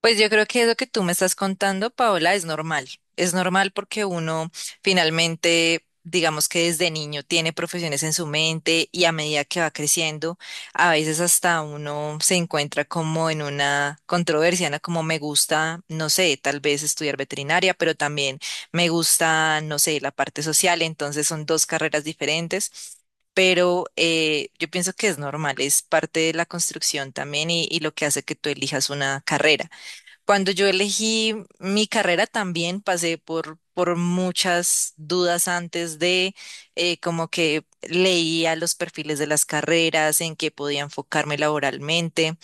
Pues yo creo que lo que tú me estás contando, Paola, es normal. Es normal porque uno finalmente, digamos que desde niño tiene profesiones en su mente y a medida que va creciendo, a veces hasta uno se encuentra como en una controversia, ¿no? Como me gusta, no sé, tal vez estudiar veterinaria, pero también me gusta, no sé, la parte social. Entonces son dos carreras diferentes. Pero yo pienso que es normal, es parte de la construcción también y lo que hace que tú elijas una carrera. Cuando yo elegí mi carrera también pasé por muchas dudas antes de, como que leía los perfiles de las carreras, en qué podía enfocarme laboralmente.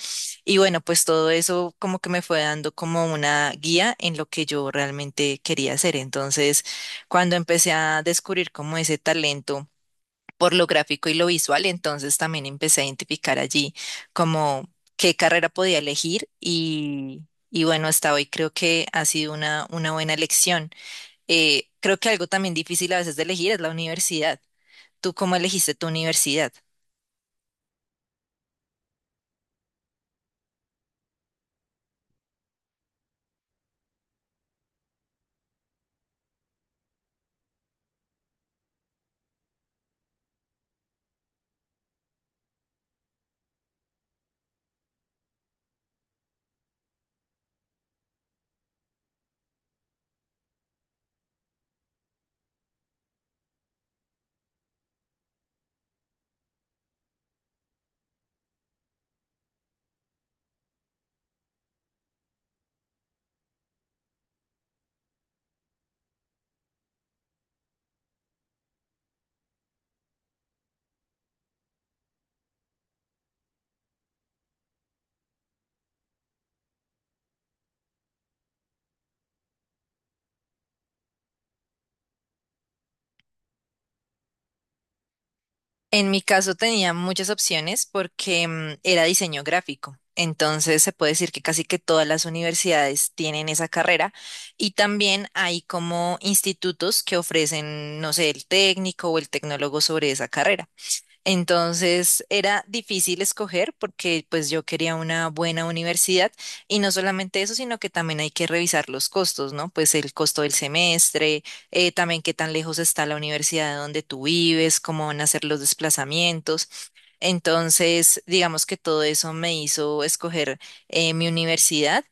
Y bueno, pues todo eso como que me fue dando como una guía en lo que yo realmente quería hacer. Entonces, cuando empecé a descubrir como ese talento, por lo gráfico y lo visual, entonces también empecé a identificar allí como qué carrera podía elegir y bueno, hasta hoy creo que ha sido una buena elección. Creo que algo también difícil a veces de elegir es la universidad. ¿Tú cómo elegiste tu universidad? En mi caso tenía muchas opciones porque era diseño gráfico. Entonces se puede decir que casi que todas las universidades tienen esa carrera y también hay como institutos que ofrecen, no sé, el técnico o el tecnólogo sobre esa carrera. Entonces era difícil escoger porque pues yo quería una buena universidad y no solamente eso, sino que también hay que revisar los costos, ¿no? Pues el costo del semestre, también qué tan lejos está la universidad de donde tú vives, cómo van a ser los desplazamientos. Entonces, digamos que todo eso me hizo escoger mi universidad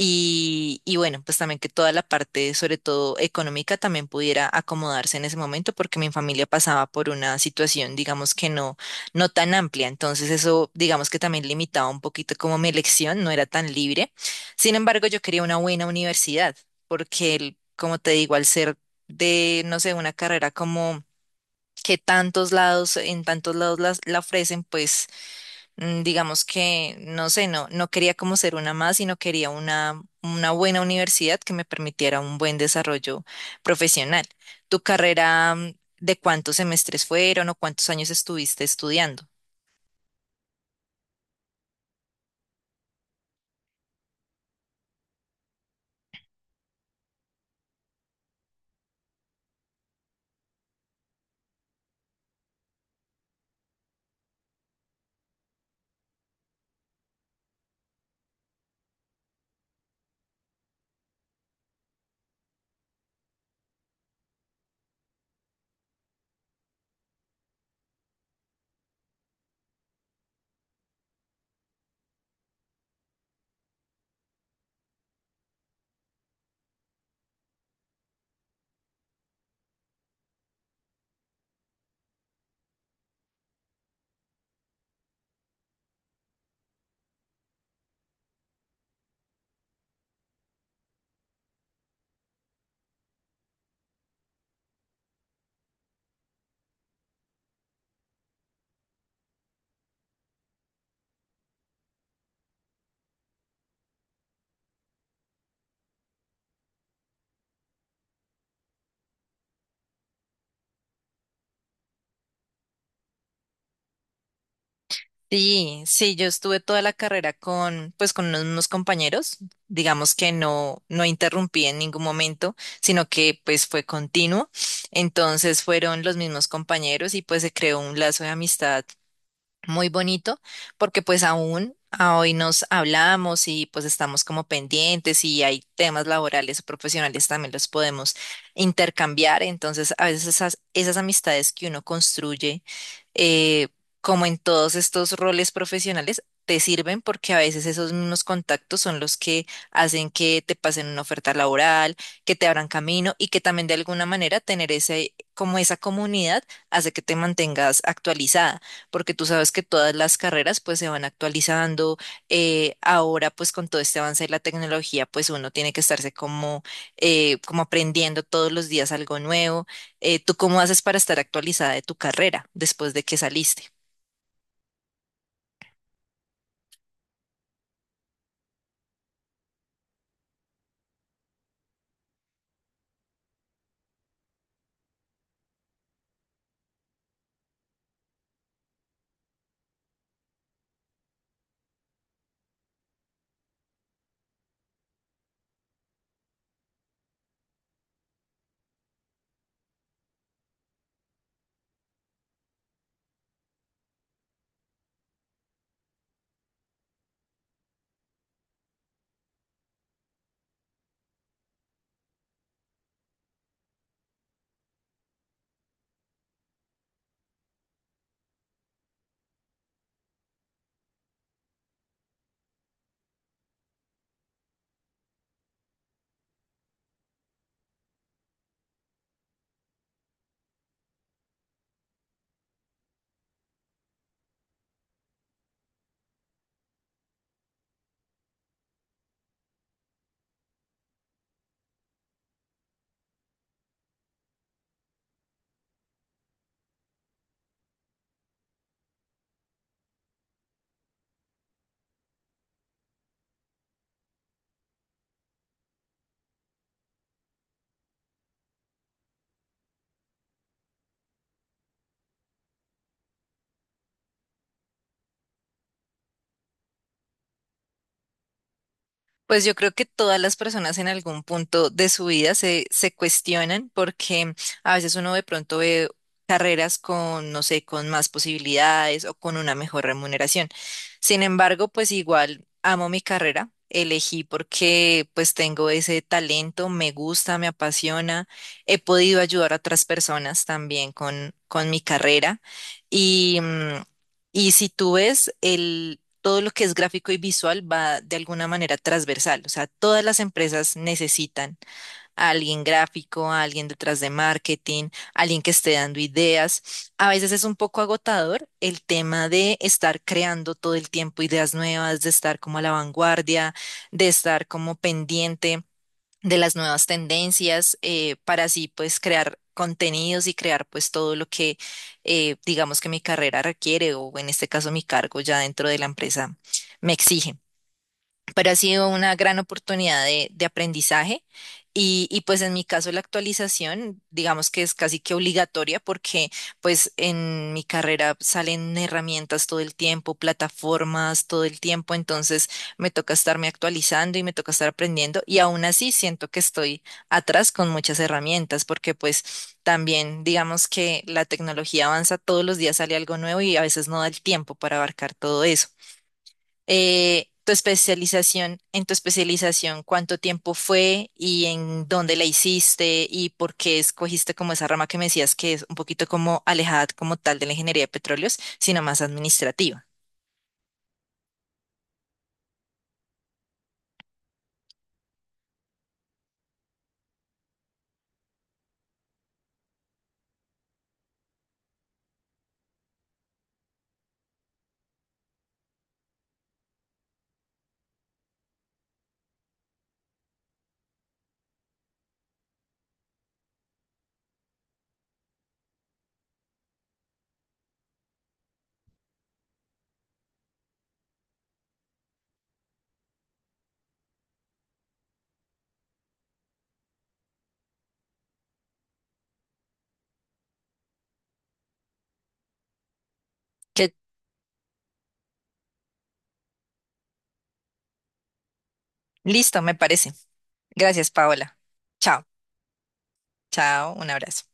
y bueno, pues también que toda la parte, sobre todo económica, también pudiera acomodarse en ese momento, porque mi familia pasaba por una situación, digamos que no, no tan amplia. Entonces eso, digamos que también limitaba un poquito como mi elección, no era tan libre. Sin embargo, yo quería una buena universidad, porque como te digo, al ser de, no sé, una carrera como que tantos lados, en tantos lados la ofrecen, pues digamos que, no sé, no quería como ser una más, sino quería una buena universidad que me permitiera un buen desarrollo profesional. ¿Tu carrera, de cuántos semestres fueron o cuántos años estuviste estudiando? Sí, sí, yo estuve toda la carrera con, pues, con unos mismos compañeros, digamos que no, no interrumpí en ningún momento, sino que, pues, fue continuo. Entonces fueron los mismos compañeros y, pues, se creó un lazo de amistad muy bonito, porque pues aún a hoy nos hablamos y pues estamos como pendientes y hay temas laborales o profesionales también los podemos intercambiar. Entonces, a veces esas amistades que uno construye, eh, como en todos estos roles profesionales, te sirven porque a veces esos mismos contactos son los que hacen que te pasen una oferta laboral, que te abran camino y que también de alguna manera tener ese, como esa comunidad hace que te mantengas actualizada porque tú sabes que todas las carreras pues se van actualizando. Ahora pues con todo este avance de la tecnología pues uno tiene que estarse como, como aprendiendo todos los días algo nuevo. ¿Tú cómo haces para estar actualizada de tu carrera después de que saliste? Pues yo creo que todas las personas en algún punto de su vida se cuestionan porque a veces uno de pronto ve carreras con, no sé, con más posibilidades o con una mejor remuneración. Sin embargo, pues igual amo mi carrera, elegí porque pues tengo ese talento, me gusta, me apasiona, he podido ayudar a otras personas también con mi carrera y... y si tú ves el todo lo que es gráfico y visual va de alguna manera transversal. O sea, todas las empresas necesitan a alguien gráfico, a alguien detrás de marketing, a alguien que esté dando ideas. A veces es un poco agotador el tema de estar creando todo el tiempo ideas nuevas, de estar como a la vanguardia, de estar como pendiente de las nuevas tendencias, para así pues crear contenidos y crear pues todo lo que digamos que mi carrera requiere o en este caso mi cargo ya dentro de la empresa me exige, pero ha sido una gran oportunidad de aprendizaje. Y pues en mi caso la actualización, digamos que es casi que obligatoria porque pues en mi carrera salen herramientas todo el tiempo, plataformas todo el tiempo, entonces me toca estarme actualizando y me toca estar aprendiendo y aún así siento que estoy atrás con muchas herramientas porque pues también digamos que la tecnología avanza, todos los días sale algo nuevo y a veces no da el tiempo para abarcar todo eso. Tu especialización, en tu especialización, ¿cuánto tiempo fue y en dónde la hiciste y por qué escogiste como esa rama que me decías que es un poquito como alejada como tal de la ingeniería de petróleos, sino más administrativa? Que listo, me parece. Gracias, Paola. Chao, chao, un abrazo.